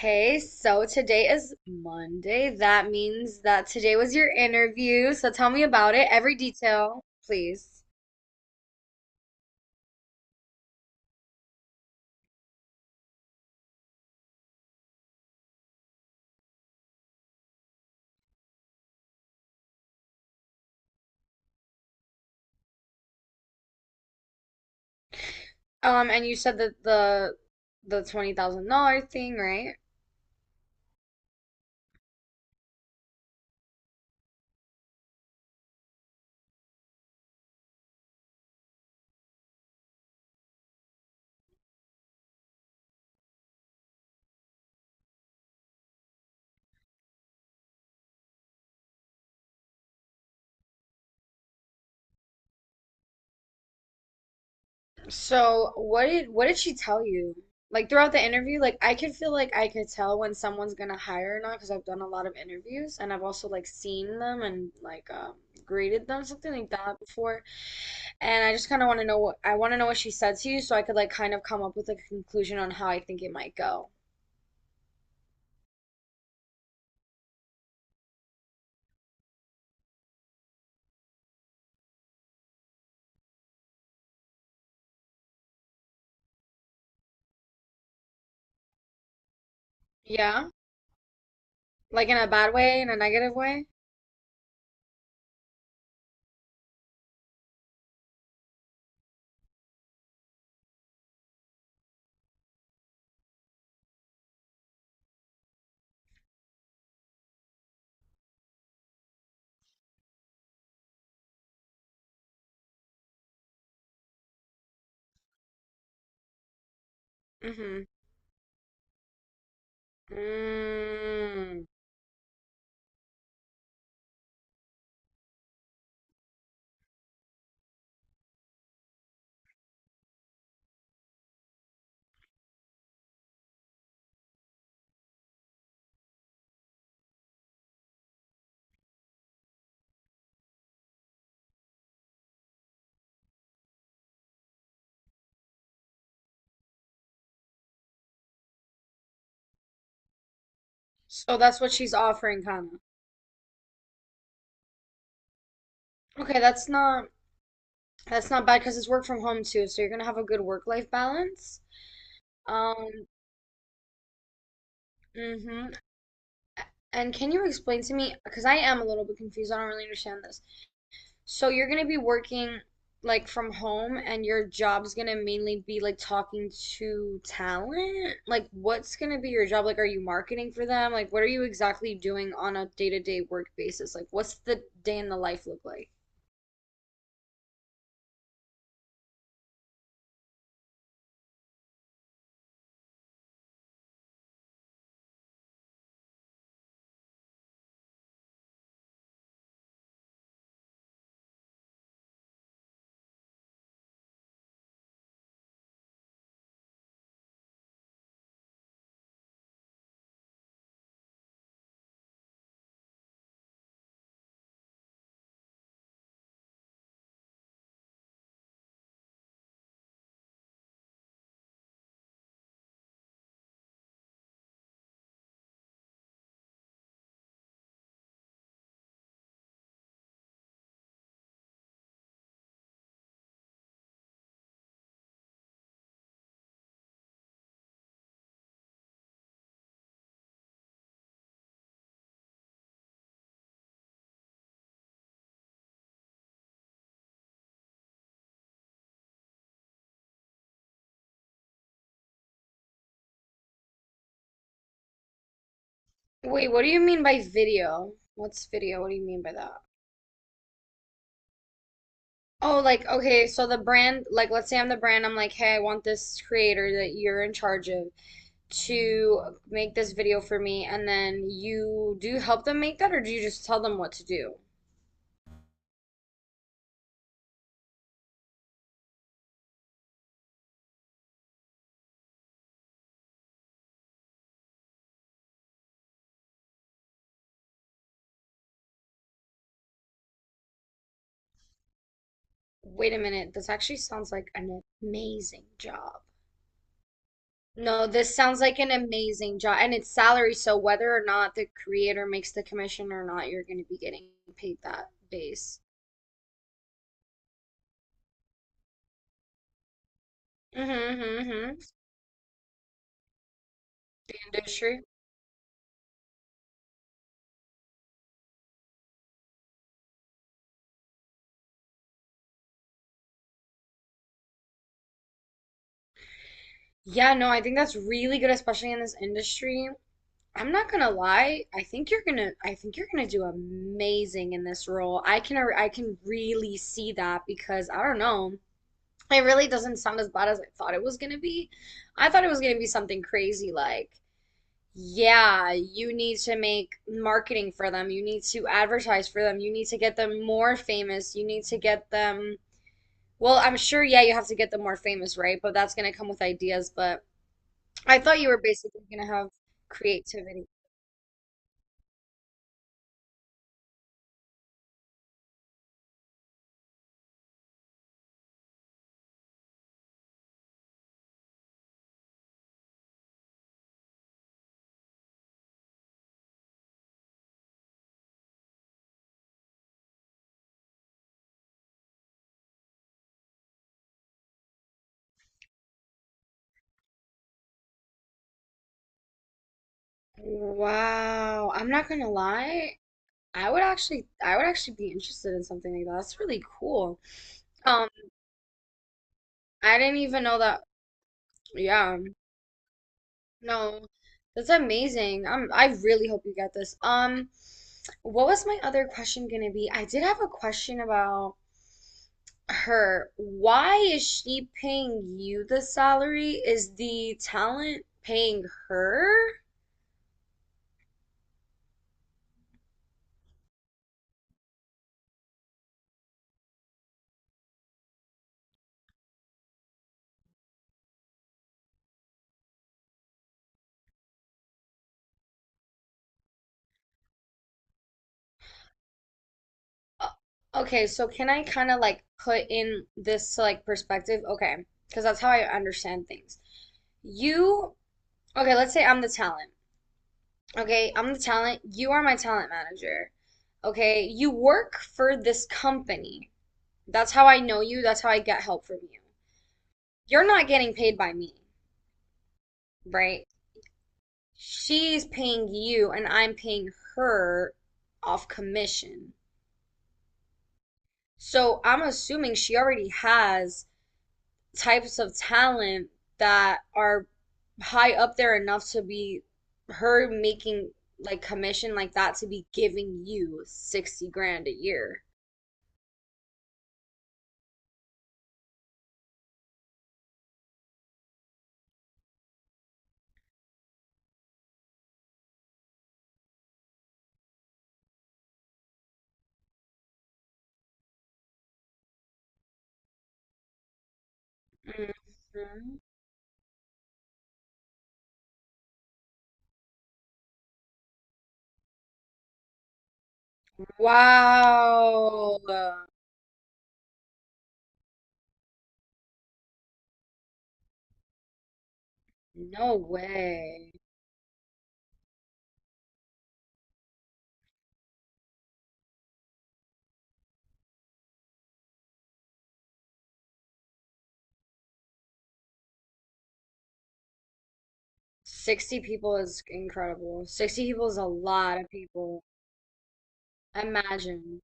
Hey, so today is Monday. That means that today was your interview. So tell me about it, every detail, please. And you said that the $20,000 thing, right? So what did she tell you? Like throughout the interview, like I could feel like I could tell when someone's gonna hire or not because I've done a lot of interviews and I've also like seen them and like graded them something like that before. And I just kind of want to know what she said to you so I could like kind of come up with like a conclusion on how I think it might go. Yeah, like in a bad way, in a negative way. Mm-hmm. Mm. So that's what she's offering, kind of. Okay, that's not. That's not bad because it's work from home too, so you're gonna have a good work-life balance. Um, hmm And can you explain to me, because I am a little bit confused, I don't really understand this. So you're gonna be working like from home and your job's gonna mainly be like talking to talent? Like what's gonna be your job? Like are you marketing for them? Like what are you exactly doing on a day-to-day work basis? Like what's the day in the life look like? Wait, what do you mean by video? What's video? What do you mean by that? Oh, like, okay, so the brand, like, let's say I'm the brand, I'm like, hey, I want this creator that you're in charge of to make this video for me, and then you do you help them make that, or do you just tell them what to do? Wait a minute, this actually sounds like an amazing job. No, this sounds like an amazing job, and it's salary, so whether or not the creator makes the commission or not, you're going to be getting paid that base. Mm-hmm, mm-hmm, mm-hmm. Industry. Yeah, no, I think that's really good, especially in this industry. I'm not gonna lie. I think you're gonna do amazing in this role. I can really see that because I don't know. It really doesn't sound as bad as I thought it was gonna be. I thought it was gonna be something crazy like, yeah, you need to make marketing for them. You need to advertise for them. You need to get them more famous. You need to get them. Well, I'm sure, yeah, you have to get them more famous, right? But that's gonna come with ideas. But I thought you were basically gonna have creativity. Wow. I'm not gonna lie. I would actually be interested in something like that. That's really cool. Um, I didn't even know that. Yeah. No. That's amazing. I really hope you get this. What was my other question gonna be? I did have a question about her. Why is she paying you the salary? Is the talent paying her? Uh, Okay, so can I kind of like put in this to like perspective? Okay, because that's how I understand things. You, okay, let's say I'm the talent. Okay, I'm the talent. You are my talent manager. Okay, you work for this company. That's how I know you. That's how I get help from you. You're not getting paid by me, right? She's paying you, and I'm paying her off commission. So I'm assuming she already has types of talent that are high up there enough to be her making like commission like that to be giving you 60 grand a year. Mhm. Wow. No way. 60 people is incredible. 60 people is a lot of people. Imagine.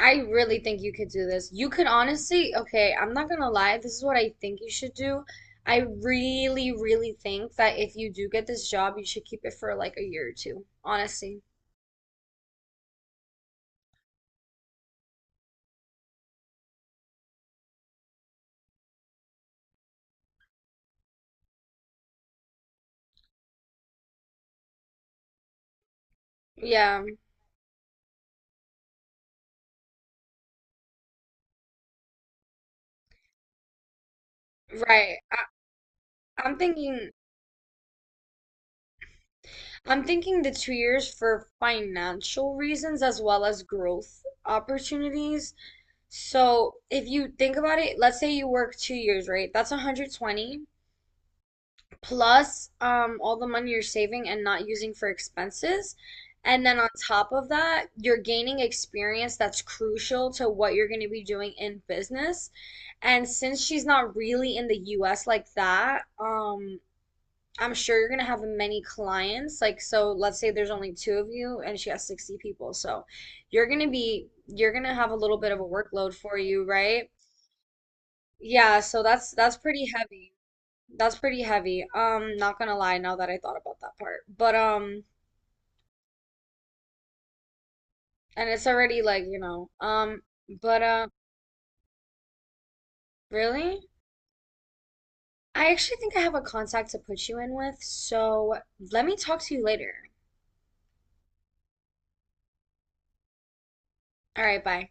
I really think you could do this. You could honestly, okay, I'm not gonna lie, this is what I think you should do. I really, really think that if you do get this job, you should keep it for like a year or two, honestly. Yeah, right. I, I'm thinking I'm thinking the 2 years for financial reasons as well as growth opportunities. So if you think about it, let's say you work 2 years, right? That's 120 plus all the money you're saving and not using for expenses. And then on top of that, you're gaining experience that's crucial to what you're going to be doing in business. And since she's not really in the US like that, I'm sure you're going to have many clients. Like, so let's say there's only two of you and she has 60 people. So you're going to have a little bit of a workload for you, right? Yeah, so that's pretty heavy. That's pretty heavy. Not gonna lie, now that I thought about that part. But and it's already like, you know, but really? I actually think I have a contact to put you in with, so let me talk to you later. All right, bye.